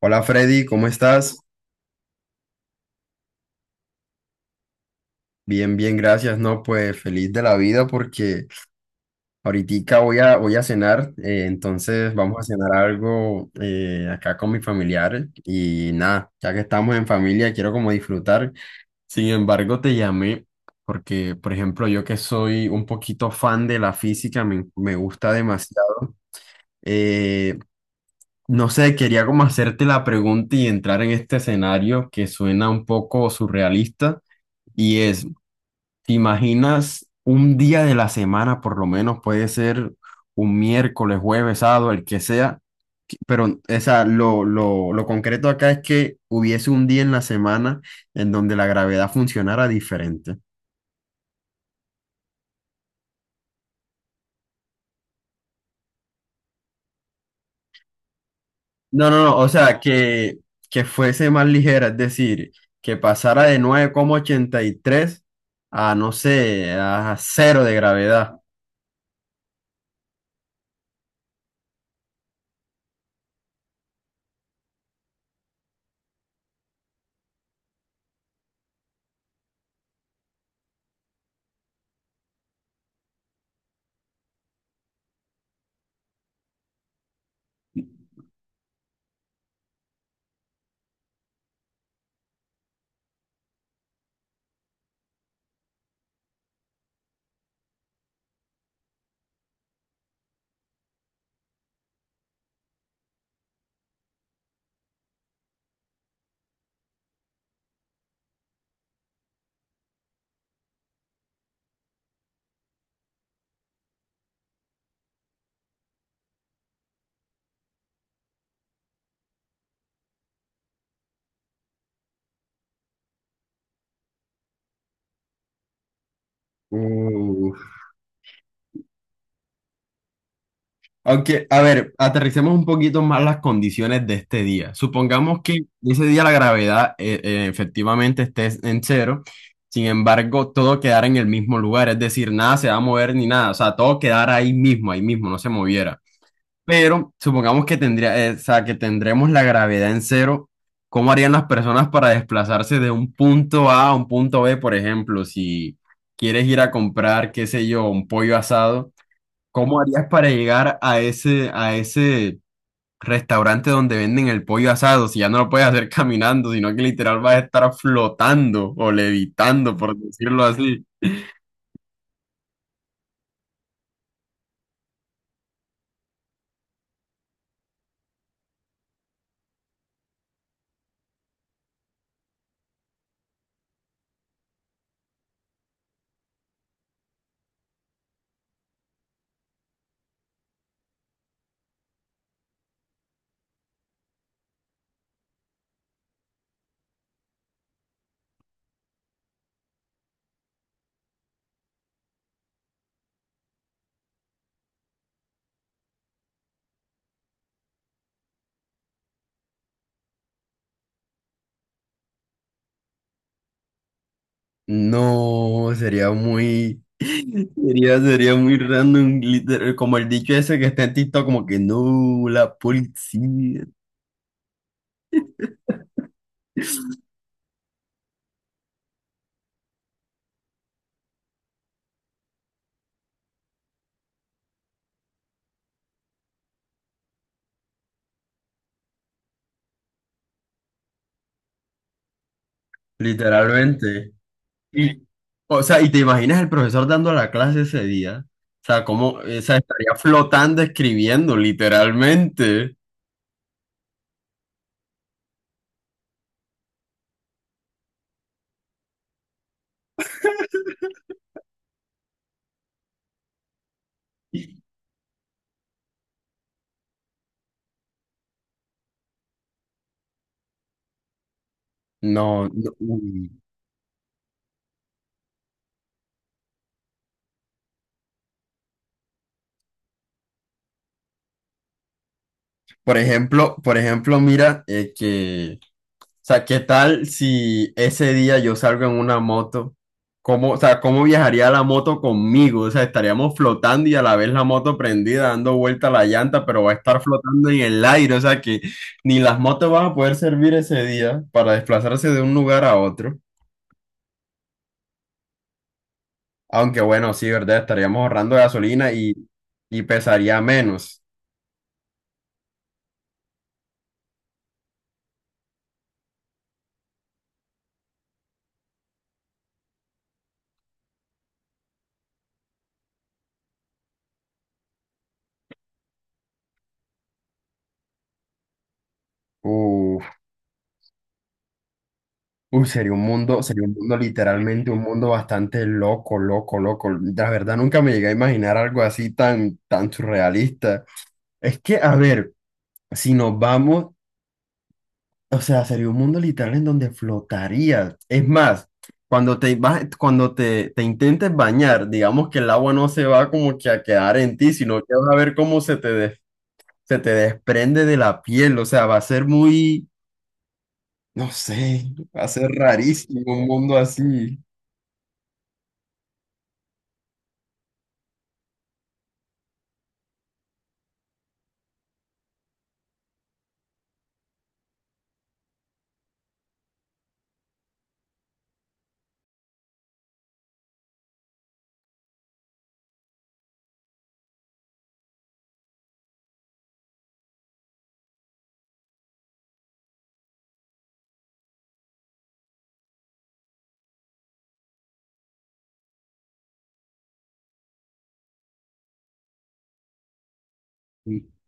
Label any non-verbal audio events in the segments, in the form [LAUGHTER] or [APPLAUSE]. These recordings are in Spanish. Hola Freddy, ¿cómo estás? Bien, bien, gracias. No, pues feliz de la vida porque ahorita voy a cenar, entonces vamos a cenar algo acá con mis familiares y nada, ya que estamos en familia, quiero como disfrutar. Sin embargo, te llamé porque, por ejemplo, yo que soy un poquito fan de la física, me gusta demasiado. eh, no sé, quería como hacerte la pregunta y entrar en este escenario que suena un poco surrealista. Y es, ¿Te imaginas un día de la semana, por lo menos puede ser un miércoles, jueves, sábado, el que sea? Pero esa, lo concreto acá es que hubiese un día en la semana en donde la gravedad funcionara diferente. No, no, no, o sea, que fuese más ligera, es decir, que pasara de 9,83 a, no sé, a cero de gravedad. Uf. Aunque, a ver, aterricemos un poquito más las condiciones de este día. Supongamos que ese día la gravedad efectivamente esté en cero, sin embargo, todo quedara en el mismo lugar, es decir, nada se va a mover ni nada, o sea, todo quedara ahí mismo, no se moviera. Pero supongamos que o sea, que tendremos la gravedad en cero. ¿Cómo harían las personas para desplazarse de un punto A a un punto B, por ejemplo, si quieres ir a comprar, qué sé yo, un pollo asado? ¿Cómo harías para llegar a ese restaurante donde venden el pollo asado si ya no lo puedes hacer [LAUGHS] caminando, sino que literal vas a estar flotando o levitando, por decirlo así? No, sería muy, [LAUGHS] sería muy random, literal, como el dicho ese que está en TikTok, como que no, la policía, literalmente. Y, o sea, ¿y te imaginas el profesor dando la clase ese día? O sea, cómo, o sea, estaría flotando escribiendo, literalmente. No, no, uy. Por ejemplo, mira, o sea, ¿qué tal si ese día yo salgo en una moto? ¿Cómo, o sea, cómo viajaría la moto conmigo? O sea, estaríamos flotando y a la vez la moto prendida, dando vuelta a la llanta, pero va a estar flotando en el aire, o sea que ni las motos van a poder servir ese día para desplazarse de un lugar a otro. Aunque bueno, sí, ¿verdad? Estaríamos ahorrando gasolina y pesaría menos. Uh, Uy, sería un mundo literalmente, un mundo bastante loco, loco, loco. La verdad, nunca me llegué a imaginar algo así tan surrealista. Es que, a ver, si nos vamos, o sea, sería un mundo literal en donde flotarías. Es más, cuando te vas, cuando te intentes bañar, digamos que el agua no se va como que a quedar en ti, sino que vas a ver cómo se te desprende de la piel. O sea, va a ser muy, no sé, va a ser rarísimo un mundo así.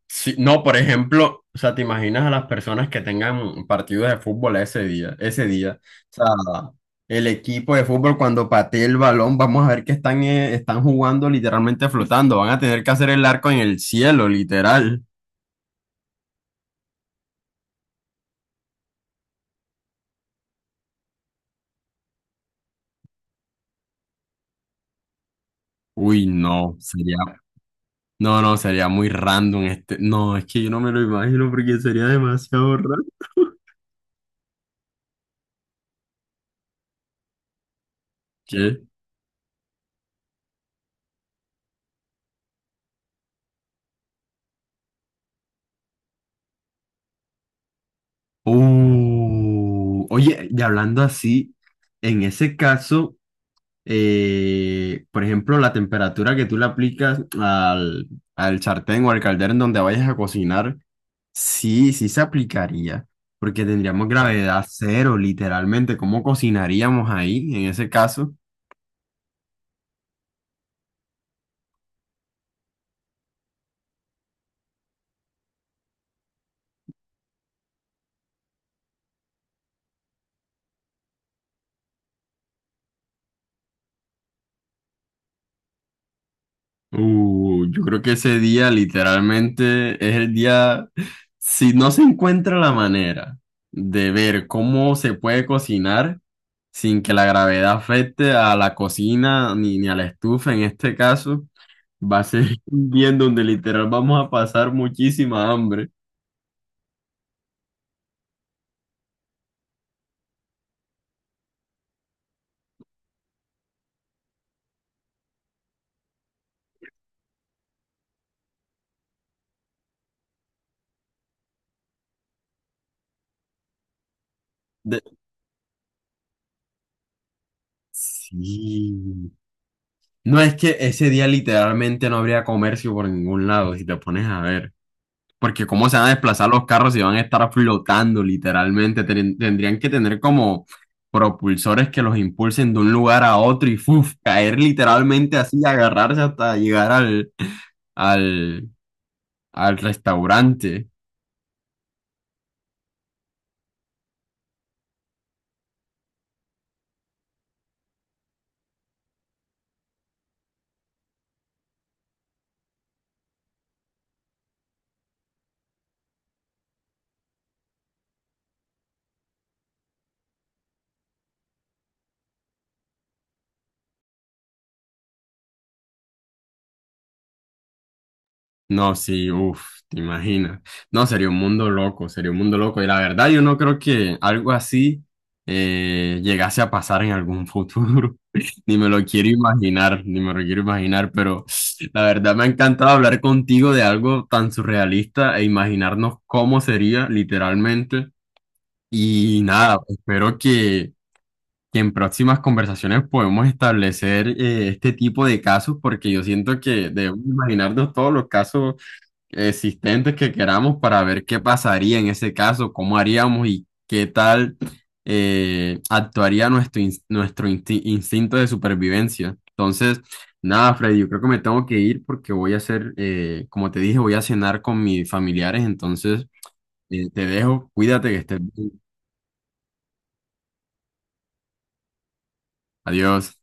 Sí, no, por ejemplo, o sea, te imaginas a las personas que tengan partidos de fútbol ese día, ese día. O sea, el equipo de fútbol cuando patee el balón, vamos a ver que están jugando literalmente flotando. Van a tener que hacer el arco en el cielo, literal. Uy, no, no, no, sería muy random este. No, es que yo no me lo imagino porque sería demasiado raro. ¿Qué? Oye, y hablando así, en ese caso. Por ejemplo, la temperatura que tú le aplicas al sartén o al caldero en donde vayas a cocinar, sí, sí se aplicaría, porque tendríamos gravedad cero, literalmente. ¿Cómo cocinaríamos ahí en ese caso? Yo creo que ese día literalmente es el día, si no se encuentra la manera de ver cómo se puede cocinar sin que la gravedad afecte a la cocina ni a la estufa en este caso. Va a ser [LAUGHS] un día en donde literal vamos a pasar muchísima hambre. De- Sí. No es que ese día literalmente no habría comercio por ningún lado, si te pones a ver. Porque cómo se van a desplazar los carros si van a estar flotando literalmente. Tendrían que tener como propulsores que los impulsen de un lugar a otro y ¡fuf! Caer literalmente así, agarrarse hasta llegar al, al restaurante. No, sí, uff, te imaginas. No, sería un mundo loco, sería un mundo loco. Y la verdad, yo no creo que algo así llegase a pasar en algún futuro. [LAUGHS] Ni me lo quiero imaginar, ni me lo quiero imaginar, pero la verdad me ha encantado hablar contigo de algo tan surrealista e imaginarnos cómo sería literalmente. Y nada, espero que en próximas conversaciones podemos establecer este tipo de casos, porque yo siento que debemos imaginarnos todos los casos existentes que queramos para ver qué pasaría en ese caso, cómo haríamos y qué tal actuaría nuestro, ins- nuestro insti- instinto de supervivencia. Entonces, nada, Freddy, yo creo que me tengo que ir porque voy a hacer, como te dije, voy a cenar con mis familiares, entonces te dejo, cuídate que estés bien. Adiós.